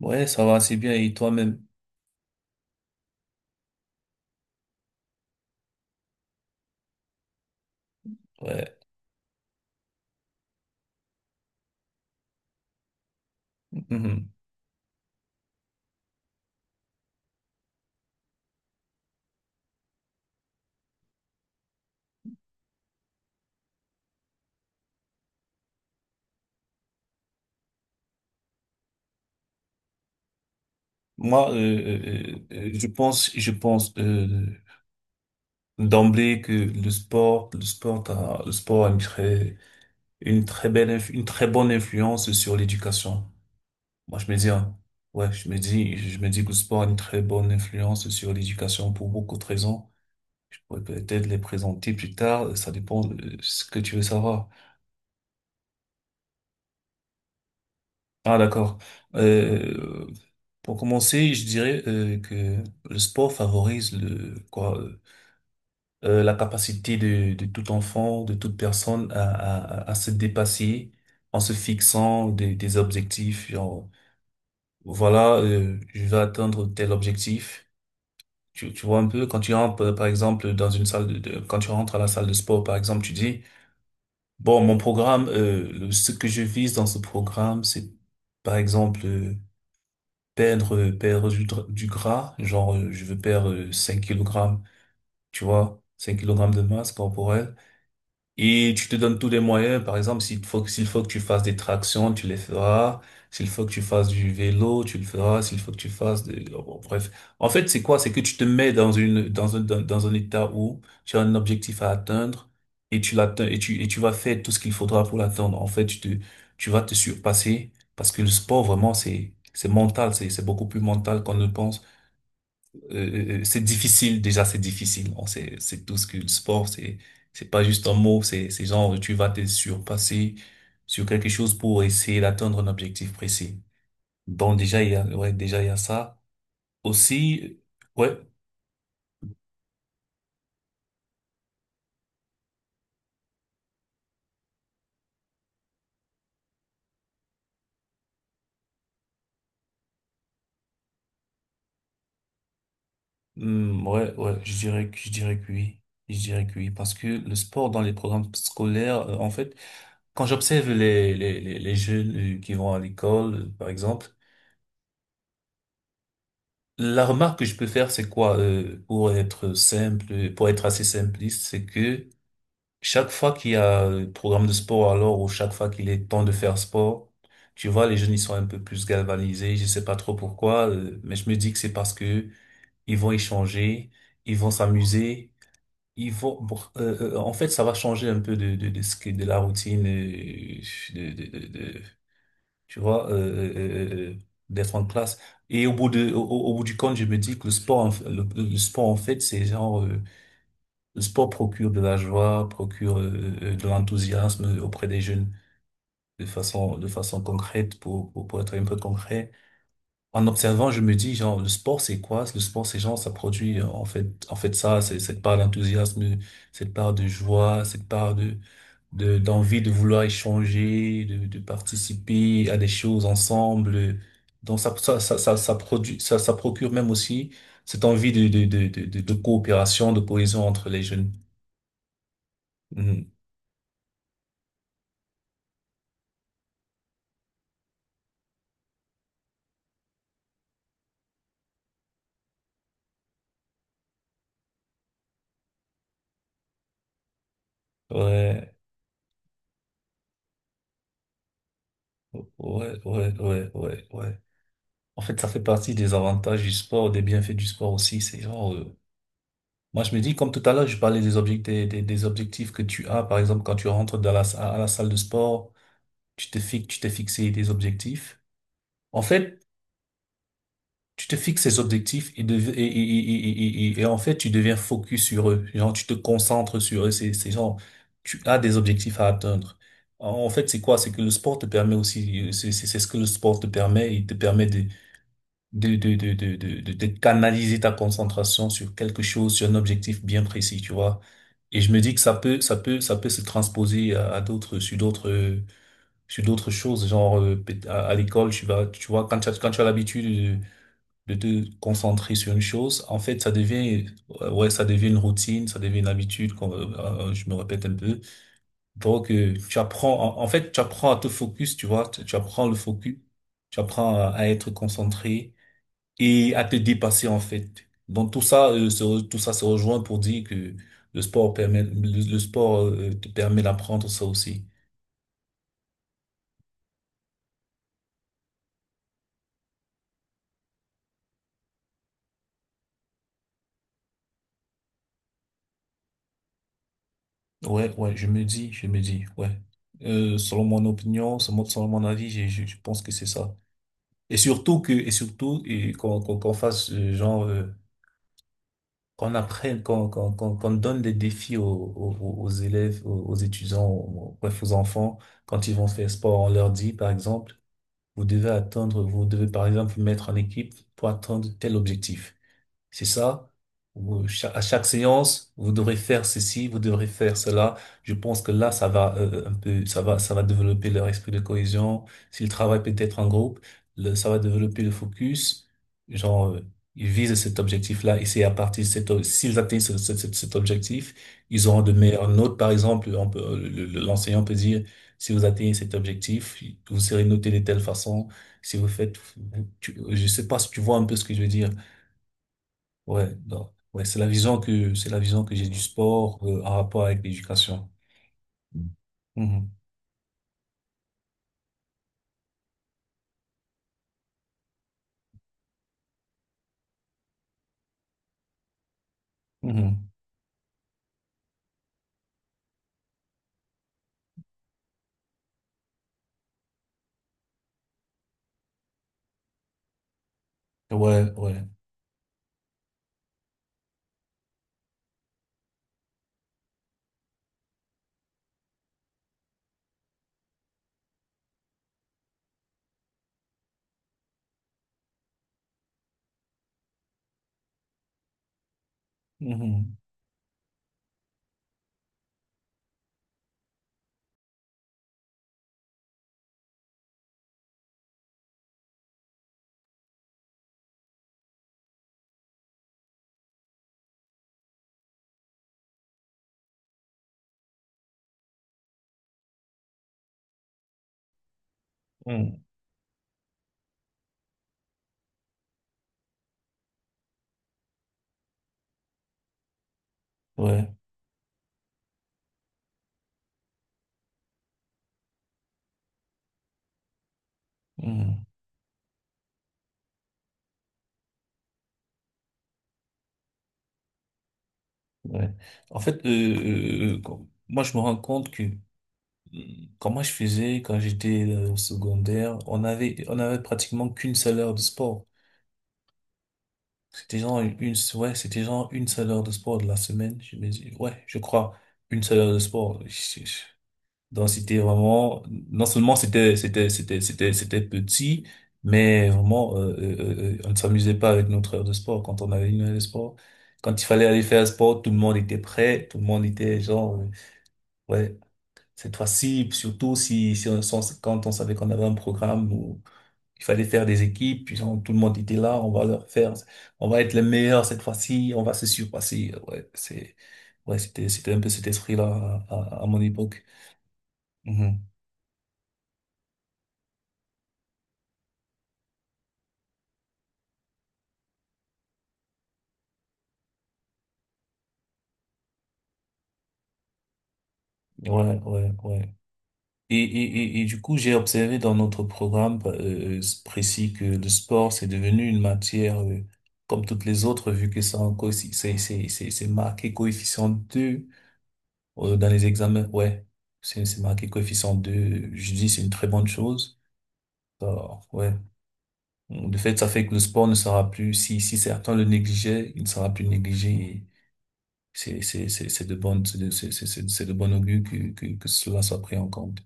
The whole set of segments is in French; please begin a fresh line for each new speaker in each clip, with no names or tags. Ouais, ça va assez bien et toi-même. Ouais. Mhm. Moi, je pense, d'emblée que le sport a une très bonne influence sur l'éducation. Moi, je me dis, hein, ouais, je me dis que le sport a une très bonne influence sur l'éducation pour beaucoup de raisons. Je pourrais peut-être les présenter plus tard. Ça dépend de ce que tu veux savoir. Ah d'accord. Euh, pour commencer, je dirais, que le sport favorise le quoi la capacité de tout enfant, de toute personne à se dépasser en se fixant des objectifs. Genre, voilà, je vais atteindre tel objectif. Tu vois un peu quand tu rentres par exemple dans une salle de- quand tu rentres à la salle de sport par exemple, tu dis bon, mon programme, ce que je vise dans ce programme, c'est par exemple, perdre du gras, genre, je veux perdre, 5 kg, tu vois, 5 kilogrammes de masse corporelle. Et tu te donnes tous les moyens. Par exemple, s'il faut que tu fasses des tractions, tu les feras. S'il faut que tu fasses du vélo, tu le feras. S'il faut que tu fasses de, bon, bref. En fait, c'est quoi? C'est que tu te mets dans une, dans un, dans, dans un état où tu as un objectif à atteindre et tu l'atteins et tu vas faire tout ce qu'il faudra pour l'atteindre. En fait, tu vas te surpasser parce que le sport, vraiment, c'est mental. C'est beaucoup plus mental qu'on ne pense, c'est difficile, déjà c'est difficile. On sait, c'est tout ce que le sport, c'est pas juste un mot, c'est genre tu vas te surpasser sur quelque chose pour essayer d'atteindre un objectif précis. Bon, déjà il y a, ouais, déjà il y a ça. Aussi, ouais, ouais, ouais, je dirais que oui. Je dirais que oui, parce que le sport dans les programmes scolaires, en fait, quand j'observe les jeunes, qui vont à l'école, par exemple, la remarque que je peux faire, c'est quoi, pour être simple, pour être assez simpliste, c'est que chaque fois qu'il y a un programme de sport, alors, ou chaque fois qu'il est temps de faire sport, tu vois, les jeunes, ils sont un peu plus galvanisés, je sais pas trop pourquoi, mais je me dis que c'est parce que ils vont échanger, ils vont s'amuser, ils vont, bon, en fait, ça va changer un peu de la routine, de, de, de, tu vois, d'être en classe. Et au bout de, au, au- au bout du compte, je me dis que le sport en fait, c'est genre, le sport procure de la joie, procure, de l'enthousiasme auprès des jeunes de façon concrète, pour être un peu concret. En observant, je me dis, genre, le sport, c'est quoi? Le sport, c'est genre, ça produit, en fait, ça, c'est cette part d'enthousiasme, cette part de joie, cette part d'envie de vouloir échanger, de participer à des choses ensemble. Donc ça procure même aussi cette envie de coopération, de cohésion entre les jeunes. Mhm. Ouais, ouais, ouais, ouais, ouais, ouais. En fait, ça fait partie des avantages du sport, des bienfaits du sport aussi. C'est genre, moi je me dis, comme tout à l'heure, je parlais des objectifs, des objectifs que tu as. Par exemple, quand tu rentres à la salle de sport, tu t'es fixé des objectifs. En fait, tu te fixes ces objectifs et en fait, tu deviens focus sur eux. Genre, tu te concentres sur eux. C'est genre, tu as des objectifs à atteindre. En fait, c'est quoi? C'est que le sport te permet aussi, c'est ce que le sport te permet. Il te permet de canaliser ta concentration sur quelque chose, sur un objectif bien précis, tu vois. Et je me dis que ça peut se transposer à d'autres, sur d'autres, sur d'autres choses. Genre, à l'école, tu vois, quand tu as l'habitude de te concentrer sur une chose, en fait, ça devient une routine, ça devient une habitude, je me répète un peu. Donc, tu apprends, en fait, tu apprends à te focus, tu vois, tu apprends le focus, tu apprends à être concentré et à te dépasser, en fait. Donc, tout ça, tout ça se rejoint pour dire que le sport permet, le, le sport te permet d'apprendre ça aussi. Ouais, ouais, je me dis, ouais. Selon mon opinion, selon mon avis, je je pense que c'est ça. Et surtout , qu'on fasse, genre, qu'on donne des défis aux élèves, aux étudiants, bref aux enfants quand ils vont faire sport. On leur dit par exemple, vous devez par exemple vous mettre en équipe pour atteindre tel objectif. C'est ça. À chaque séance, vous devrez faire ceci, vous devrez faire cela. Je pense que là, ça va un peu, ça va développer leur esprit de cohésion. S'ils travaillent peut-être en groupe, ça va développer le focus. Genre, ils visent cet objectif-là et c'est à partir de cet, o- s'ils atteignent cet objectif, ils auront de meilleures notes. Par exemple, on peut, le- l'enseignant peut dire, si vous atteignez cet objectif, vous serez noté de telle façon. Si vous faites, tu- Je sais pas si tu vois un peu ce que je veux dire. Ouais, donc, ouais, c'est la vision que j'ai du sport, en rapport avec l'éducation. Mhm, mhm. Ouais, ouais. Mhm, mhm. Ouais, mhm, ouais. En fait, moi, je me rends compte que, comment je faisais quand j'étais, au secondaire, on avait pratiquement qu'une seule heure de sport. C'était genre une seule heure de sport de la semaine. Je me dis, ouais, je crois une seule heure de sport. Donc c'était vraiment, non seulement c'était petit, mais vraiment, on ne s'amusait pas avec notre heure de sport. Quand on avait une heure de sport, quand il fallait aller faire sport, tout le monde était prêt, tout le monde était genre, ouais, cette fois-ci, surtout si si on sens- quand on savait qu'on avait un programme où il fallait faire des équipes, puis genre, tout le monde était là, on va leur faire, on va être les meilleurs cette fois-ci, on va se surpasser. Ouais, c'était un peu cet esprit-là à mon époque. Mhm. Ouais, ouais, ouais. Et du coup, j'ai observé dans notre programme, précis que le sport, c'est devenu une matière, comme toutes les autres, vu que c'est en coeffi- c'est marqué coefficient 2 , dans les examens. Ouais, c'est marqué coefficient deux. Je dis, c'est une très bonne chose. Alors, ouais. De fait, ça fait que le sport ne sera plus, si, si certains le négligeaient, il ne sera plus négligé. Et c'est de bonne, c'est de bonne augure que cela soit pris en compte.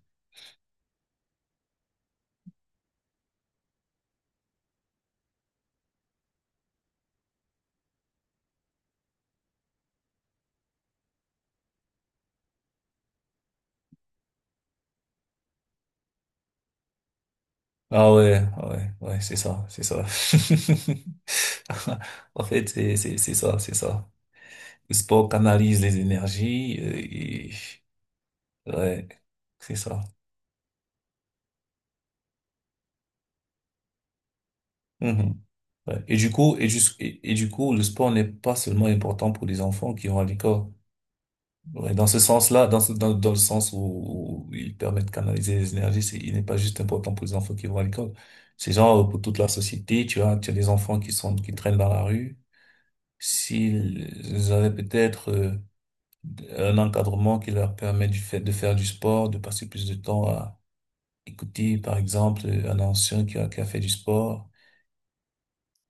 Ah ouais, ah ouais, ouais, c'est ça, c'est ça. En fait, c'est ça, c'est ça. Le sport canalise les énergies, ouais, c'est ça. Mhm. Ouais. Et du coup, et, juste et du coup, le sport n'est pas seulement important pour les enfants qui vont à l'école. Ouais, dans ce sens-là, dans le sens où il permet de canaliser les énergies, il n'est pas juste important pour les enfants qui vont à l'école. C'est genre, pour toute la société, tu vois, tu as des enfants qui traînent dans la rue. S'ils avaient peut-être, un encadrement qui leur permet du fait de faire du sport, de passer plus de temps à écouter, par exemple, un ancien qui a fait du sport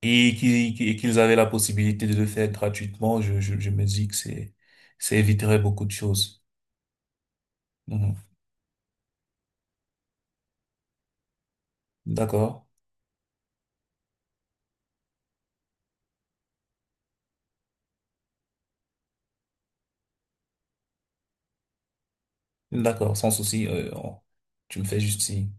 et qu'ils avaient la possibilité de le faire gratuitement, je me dis que ça éviterait beaucoup de choses. Mhm. D'accord, d'accord, sans souci. Tu me fais juste signe.